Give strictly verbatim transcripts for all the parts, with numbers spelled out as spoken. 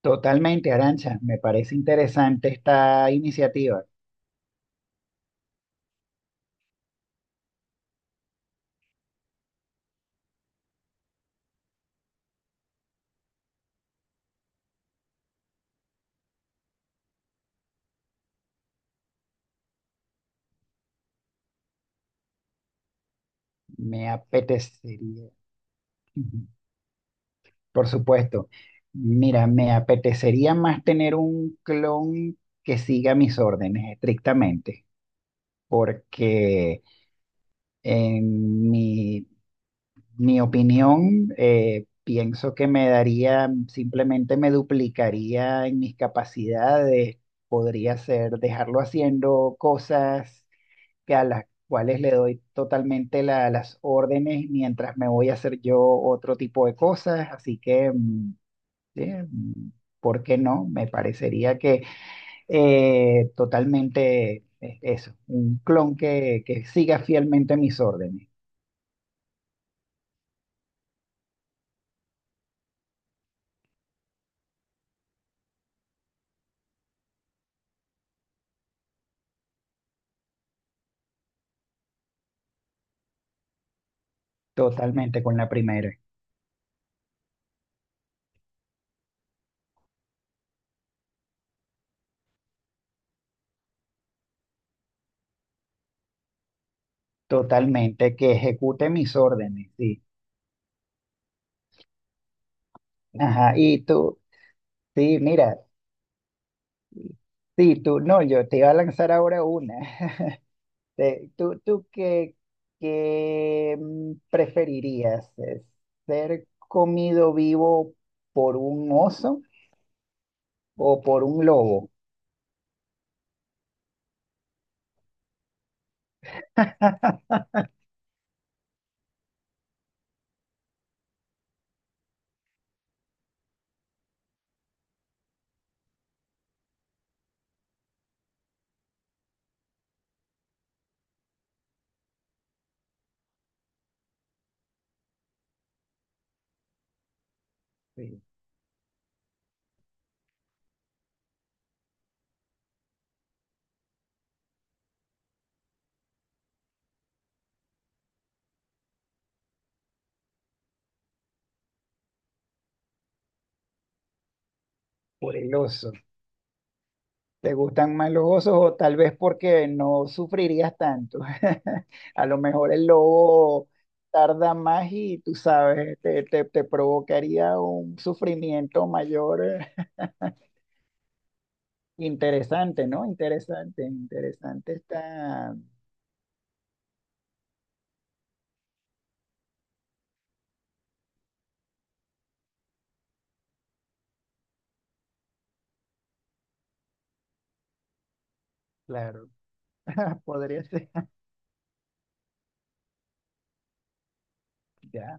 Totalmente, Arancha, me parece interesante esta iniciativa. Me apetecería. Ujú. Por supuesto, mira, me apetecería más tener un clon que siga mis órdenes estrictamente, porque en mi, mi opinión, eh, pienso que me daría, simplemente me duplicaría en mis capacidades, podría ser dejarlo haciendo cosas que a las cuales le doy totalmente la- las órdenes mientras me voy a hacer yo otro tipo de cosas. Así que, mm, sí, mm, ¿por qué no? Me parecería que eh, totalmente, eh, eso, un clon que, que siga fielmente mis órdenes, totalmente con la primera, totalmente que ejecute mis órdenes, sí. Ajá, y tú, sí, mira, sí, tú, no, yo te iba a lanzar ahora una. Eh, ¿tú, tú qué, qué, mm, preferirías? eh, ¿Ser comido vivo por un oso o por un lobo? Sí, por el oso. ¿Te gustan más los osos o tal vez porque no sufrirías tanto? A lo mejor el lobo tarda más y tú sabes, te, te, te provocaría un sufrimiento mayor. eh. Interesante, ¿no? Interesante, interesante está. Claro. Podría ser. Ya.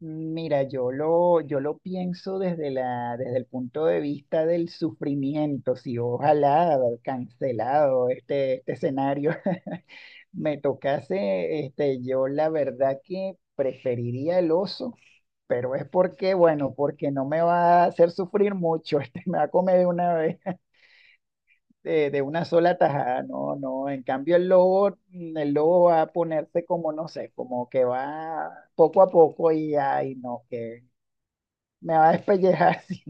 Mira, yo lo, yo lo pienso desde la, desde el punto de vista del sufrimiento. Si ojalá haber cancelado este, este escenario me tocase, este, yo la verdad que preferiría el oso, pero es porque, bueno, porque no me va a hacer sufrir mucho, este, me va a comer de una vez. de, de una sola tajada, no, no. En cambio, el lobo, mm, el lobo va a ponerse como, no sé, como que va poco a poco y ay, no, que me va a despellejar así.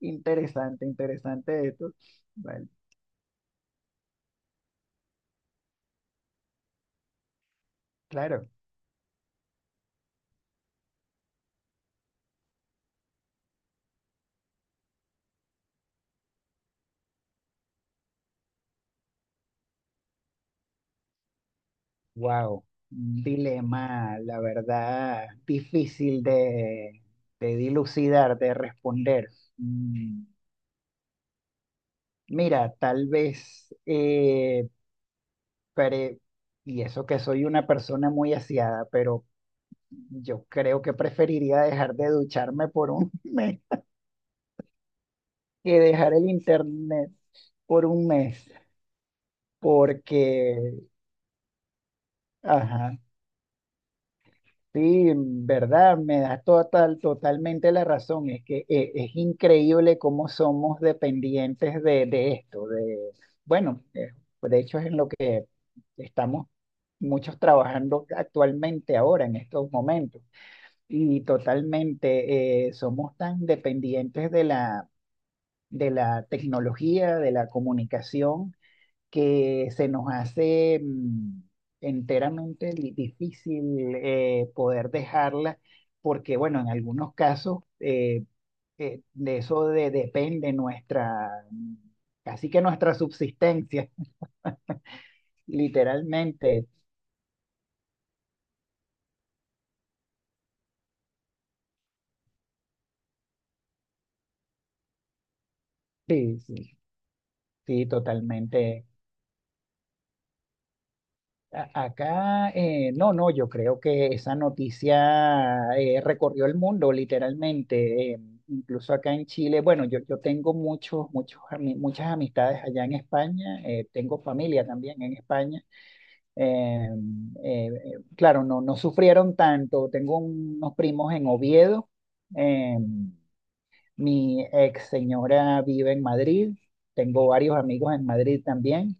Interesante, interesante esto. Bueno, claro, wow, un dilema, la verdad, difícil de, de dilucidar, de responder. Mm, Mira, tal vez, eh, pre- y eso que soy una persona muy aseada, pero yo creo que preferiría dejar de ducharme por un mes que dejar el internet por un mes, porque, ajá, sí, en verdad, me da total, totalmente la razón. Es que eh, es increíble cómo somos dependientes de, de esto, de, bueno, eh, de hecho es en lo que estamos muchos trabajando actualmente ahora, en estos momentos, y totalmente, eh, somos tan dependientes de la de la tecnología, de la comunicación, que se nos hace mm, enteramente li- difícil, eh, poder dejarla, porque bueno, en algunos casos, eh, eh, de eso de- depende nuestra, casi que nuestra subsistencia, literalmente. Sí, sí, sí, totalmente. A- Acá, eh, no, no, yo creo que esa noticia eh, recorrió el mundo literalmente, eh, incluso acá en Chile. Bueno, yo, yo tengo muchos, muchos, ami- muchas amistades allá en España, eh, tengo familia también en España. Em, Eh, eh, claro, no, no sufrieron tanto. Tengo unos primos en Oviedo, eh, mi ex señora vive en Madrid, tengo varios amigos en Madrid también.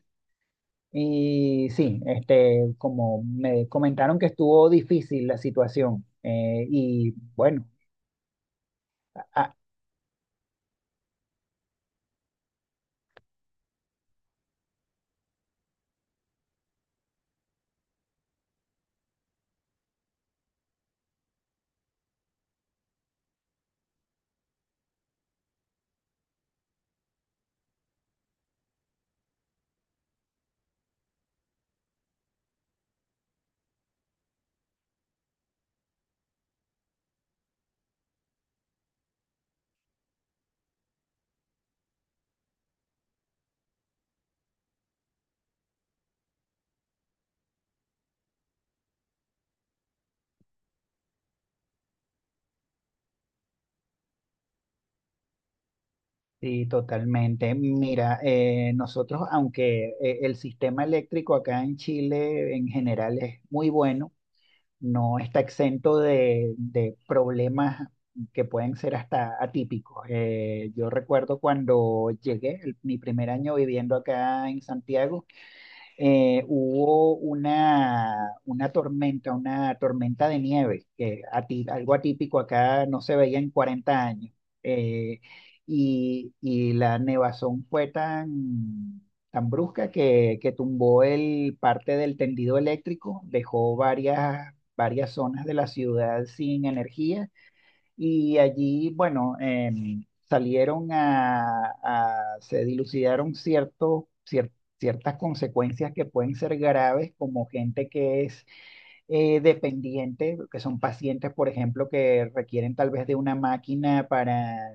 Y sí, este, como me comentaron que estuvo difícil la situación, eh, y bueno, ah, sí, totalmente. Mira, eh, nosotros, aunque eh, el sistema eléctrico acá en Chile en general es muy bueno, no está exento de, de problemas que pueden ser hasta atípicos. Eh, yo recuerdo cuando llegué, el- mi primer año viviendo acá en Santiago, eh, hubo una, una, tormenta, una tormenta de nieve, que ati- algo atípico acá no se veía en cuarenta años. Eh, y, y la nevazón fue tan, tan brusca que, que tumbó el parte del tendido eléctrico, dejó varias, varias zonas de la ciudad sin energía y allí, bueno, em, salieron a, a- se dilucidaron ciertos, cier- ciertas consecuencias que pueden ser graves, como gente que es, eh, dependiente, que son pacientes, por ejemplo, que requieren tal vez de una máquina para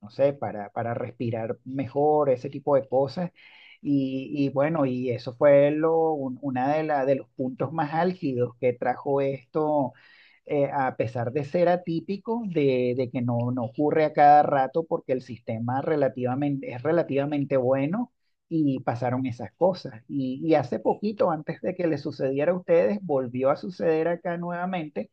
no sé, para, para respirar mejor, ese tipo de cosas. Y, y bueno, y eso fue lo, un- una de, la, de los puntos más álgidos que trajo esto, eh, a pesar de ser atípico, de, de que no, no ocurre a cada rato porque el sistema relativamente, es relativamente bueno y pasaron esas cosas. Y, y, hace poquito, antes de que le sucediera a ustedes, volvió a suceder acá nuevamente.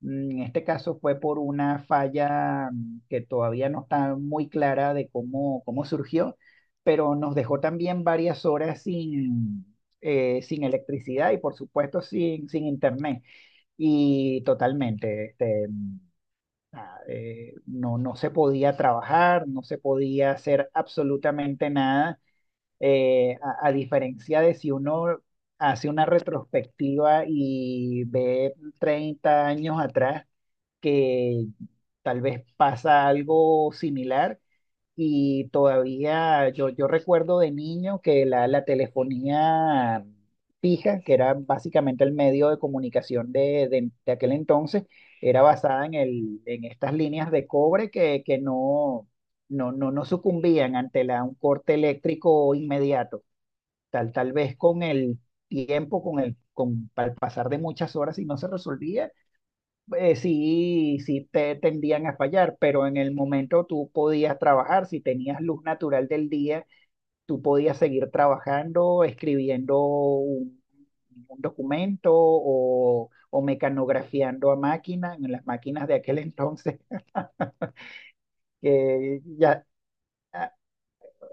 Mm, En este caso fue por una falla, mm, que todavía no está muy clara de cómo, cómo surgió, pero nos dejó también varias horas sin, eh, sin electricidad y por supuesto sin, sin internet. Y totalmente, este, mm, ah, eh, no, no se podía trabajar, no se podía hacer absolutamente nada, eh, a a diferencia de si uno hace una retrospectiva y ve treinta años atrás que tal vez pasa algo similar y todavía yo, yo recuerdo de niño que la, la telefonía fija, que era básicamente el medio de comunicación de, de- de aquel entonces, era basada en, el, en estas líneas de cobre que, que no, no, no, no sucumbían ante la, un corte eléctrico inmediato, tal, tal vez con el tiempo, con el, con, al pasar de muchas horas y no se resolvía, eh, sí, sí te tendían a fallar, pero en el momento tú podías trabajar, si tenías luz natural del día, tú podías seguir trabajando, escribiendo un, un documento o, o mecanografiando a máquina, en las máquinas de aquel entonces, que ya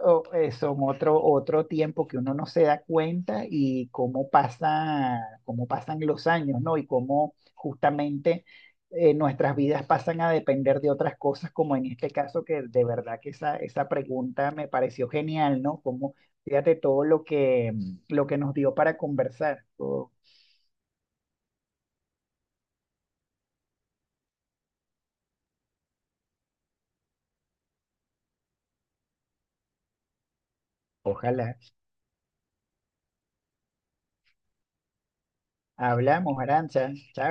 o- eh, son otro, otro tiempo que uno no se da cuenta y cómo pasa, cómo pasan los años, ¿no? Y cómo justamente, eh, nuestras vidas pasan a depender de otras cosas, como en este caso, que de verdad que esa, esa pregunta me pareció genial, ¿no? Como, fíjate todo lo que, lo que, nos dio para conversar. O- ojalá. Hablamos, Arancha. Chao.